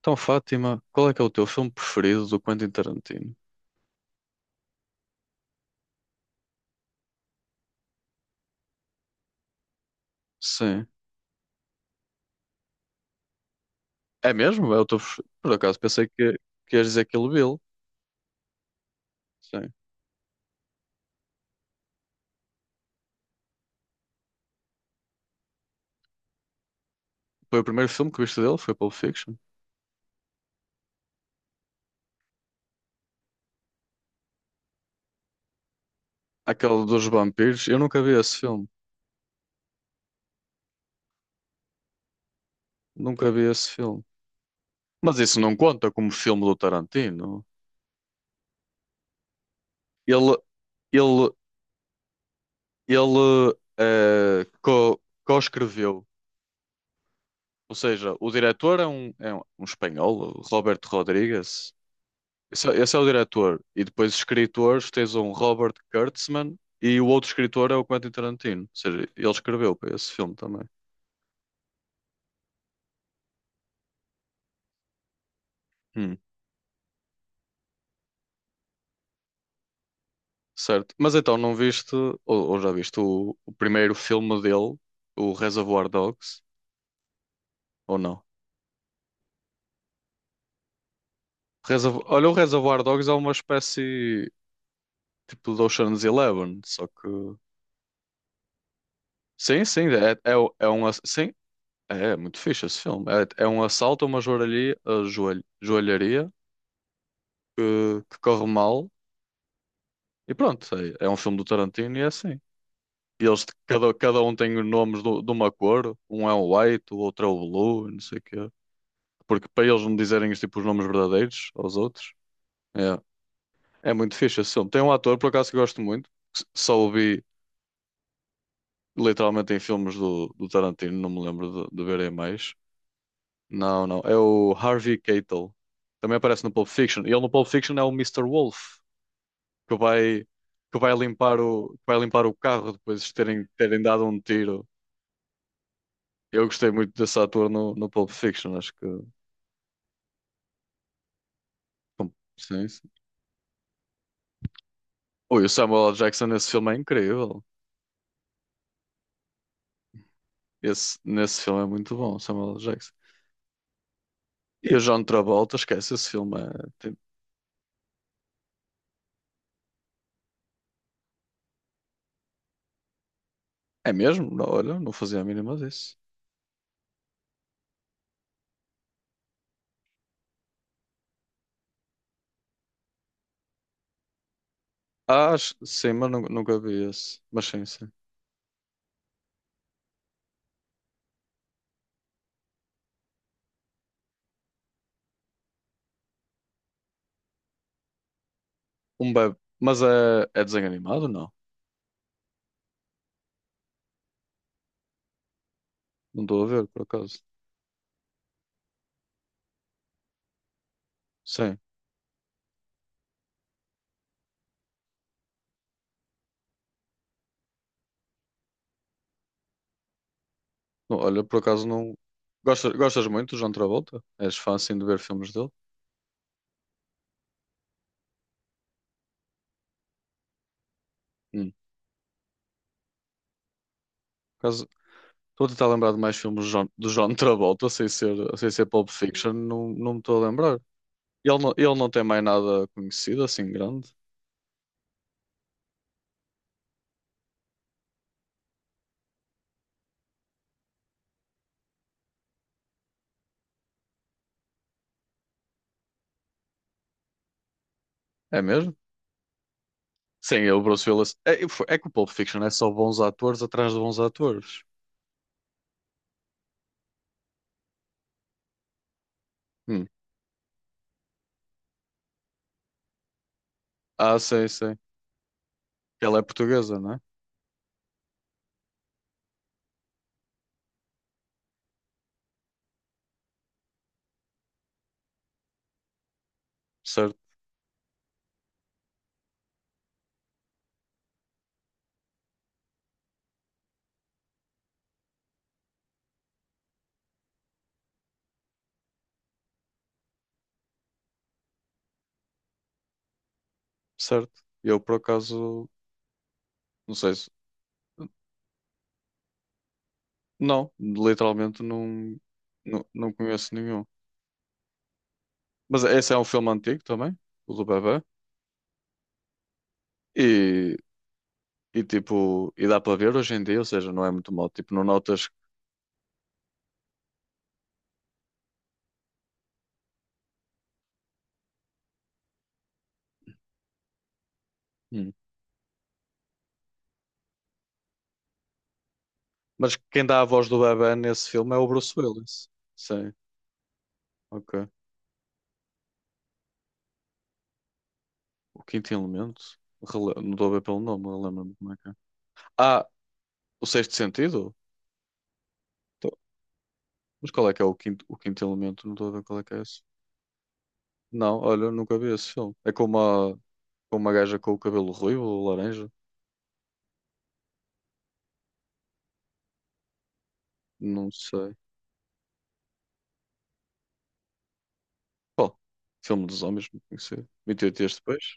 Então, Fátima, qual é que é o teu filme preferido do Quentin Tarantino? Sim. É mesmo? É o teu Por acaso pensei que ias dizer Kill Bill. Sim. Foi o primeiro filme que viste dele? Foi Pulp Fiction? Aquele dos vampiros? Eu nunca vi esse filme. Nunca vi esse filme. Mas isso não conta como filme do Tarantino. Ele, ele, ele co-escreveu. Ou seja, o diretor é um espanhol, o Roberto Rodrigues. Esse é o diretor. E depois, escritores, tens um Robert Kurtzman e o outro escritor é o Quentin Tarantino. Ou seja, ele escreveu para esse filme também. Hum. Certo. Mas então, não viste, ou já viste, o primeiro filme dele, o Reservoir Dogs? Ou não? Olha, o Reservoir Dogs é uma espécie tipo do Ocean's Eleven, só que... Sim, sim, é, é, é um... Sim, é muito fixe esse filme. É um assalto a uma joalharia, a joalharia que corre mal. E pronto, é um filme do Tarantino e é assim. E eles, cada um tem os nomes de uma cor, um é o white, o outro é o blue, e não sei o quê. Porque para eles não dizerem tipo, os nomes verdadeiros aos outros, é, é muito fixe esse filme. Tem um ator, por acaso, que eu gosto muito, que só o vi literalmente em filmes do Tarantino, não me lembro de verem mais. Não, é o Harvey Keitel. Também aparece no Pulp Fiction. E ele no Pulp Fiction é o Mister Wolf, que vai, que vai limpar que vai limpar o carro depois de terem dado um tiro. Eu gostei muito desse ator no Pulp Fiction, acho que... bom... Sim, sim. Ui, o Samuel L. Jackson nesse filme é incrível. Esse, nesse filme é muito bom, o Samuel L. Jackson. E o John Travolta, esquece, esse filme é... tem- É mesmo? Não, olha, não fazia a mínima disso. Sim, mas nunca vi esse. Mas sim, sim. Um bebê. Mas é, é desenho animado? Não. Não estou a ver, por acaso. Sim. Não, olha, por acaso não. Gostas, gostas muito do John Travolta? És fã assim de ver filmes dele? Hum. Estou a tentar lembrar de mais filmes do John Travolta, sem ser, sem ser Pulp Fiction, não, não me estou a lembrar. Ele não tem mais nada conhecido assim grande, é mesmo? Sim, é o Bruce Willis. É, é que o Pulp Fiction é só bons atores atrás de bons atores. Hum. Ah, sei, sei. Ela é portuguesa, não é? Certo, certo. Eu, por acaso, não sei se... Não, literalmente não, não, não conheço nenhum. Mas esse é um filme antigo também, o do bebê. E e tipo, e dá para ver hoje em dia, ou seja, não é muito mal. Tipo, não notas. Hum. Mas quem dá a voz do bebé nesse filme é o Bruce Willis. Sim, ok. O quinto elemento? Não estou a ver pelo nome, relembro-me como é que é. Ah, o sexto sentido? Tô- Mas qual é que é o quinto elemento? Não estou a ver qual é que é esse. Não, olha, eu nunca vi esse filme. É com uma gaja com o cabelo ruivo, ou laranja? Não sei. Qual? Filme dos homens, não conheci. 28 dias depois?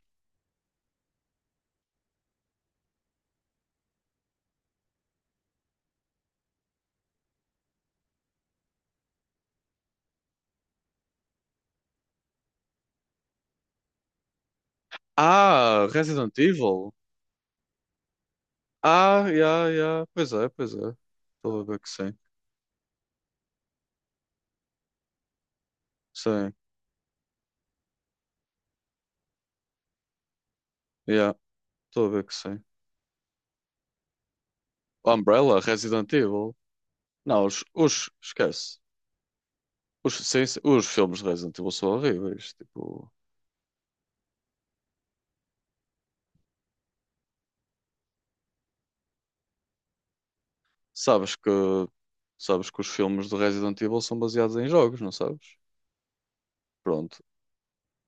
Ah, Resident Evil! Ah, yeah, yeah. Pois é, pois é. Estou a ver que sim. Sim, yeah. Estou a ver que sim. Umbrella, Resident Evil. Não, os esquece. Os, sim, sim, os filmes de Resident Evil são horríveis. Tipo, sabes que, sabes que os filmes de Resident Evil são baseados em jogos, não sabes? Pronto.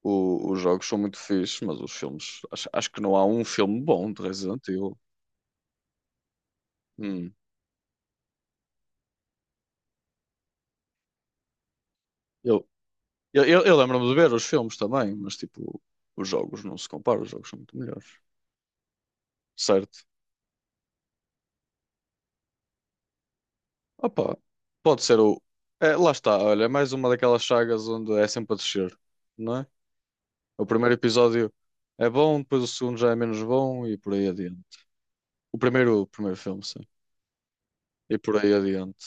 Os jogos são muito fixes, mas os filmes... Acho, acho que não há um filme bom de Resident Evil. Hum. Eu, eu lembro-me de ver os filmes também, mas tipo, os jogos não se comparam, os jogos são muito melhores. Certo? Opa, pode ser o... É, lá está, olha, é mais uma daquelas sagas onde é sempre a descer, não é? O primeiro episódio é bom, depois o segundo já é menos bom e por aí adiante. O primeiro filme, sim. E por aí adiante.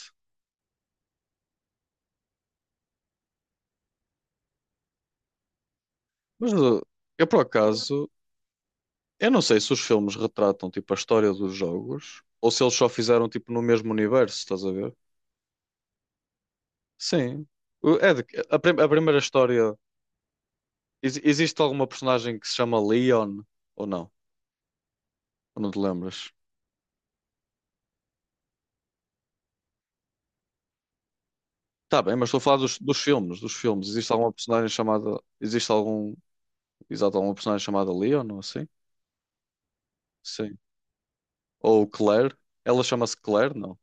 Mas eu, por acaso, eu não sei se os filmes retratam tipo a história dos jogos ou se eles só fizeram tipo no mesmo universo, estás a ver? Sim. O- É de- a a primeira história. Existe alguma personagem que se chama Leon ou não? Ou não te lembras? Tá bem, mas estou a falar dos filmes, dos filmes. Existe alguma personagem chamada... Existe algum... Exato, alguma personagem chamada Leon, não assim? Sim. Ou Claire. Ela chama-se Claire, não.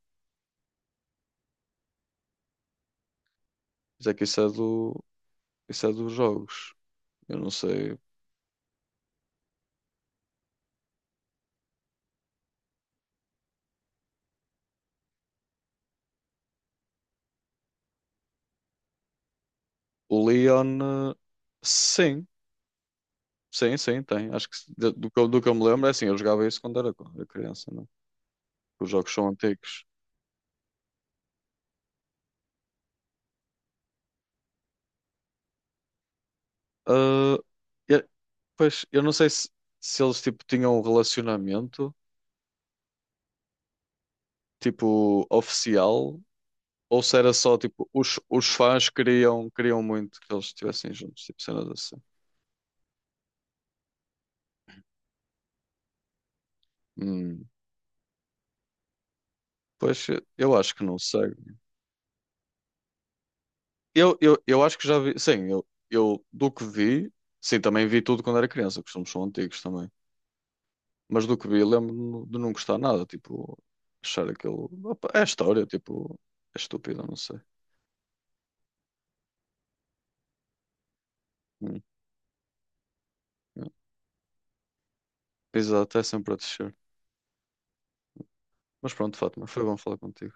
Mas é que isso é do... Isso é dos jogos. Eu não sei. O Leon. eh, Sim, sim, sim, tem. Acho que do, do que eu me lembro é assim, eu jogava isso quando era era criança, não? é? Os jogos são antigos. Ah, eu- pois, eu não sei se, se eles tipo, tinham um relacionamento tipo oficial. Ou se era só tipo, os fãs queriam, queriam muito que eles estivessem juntos, tipo cenas assim. Hum, pois eu acho que não sei. Eu acho que já vi, sim, eu do que vi, sim, também vi tudo quando era criança, que somos são antigos também. Mas do que vi, lembro-me de não gostar nada, tipo, achar aquilo... opa, é história, tipo, é estúpido, não sei. Hum, é. Exato, é sempre a descer. Mas pronto, Fátima, foi bom falar contigo.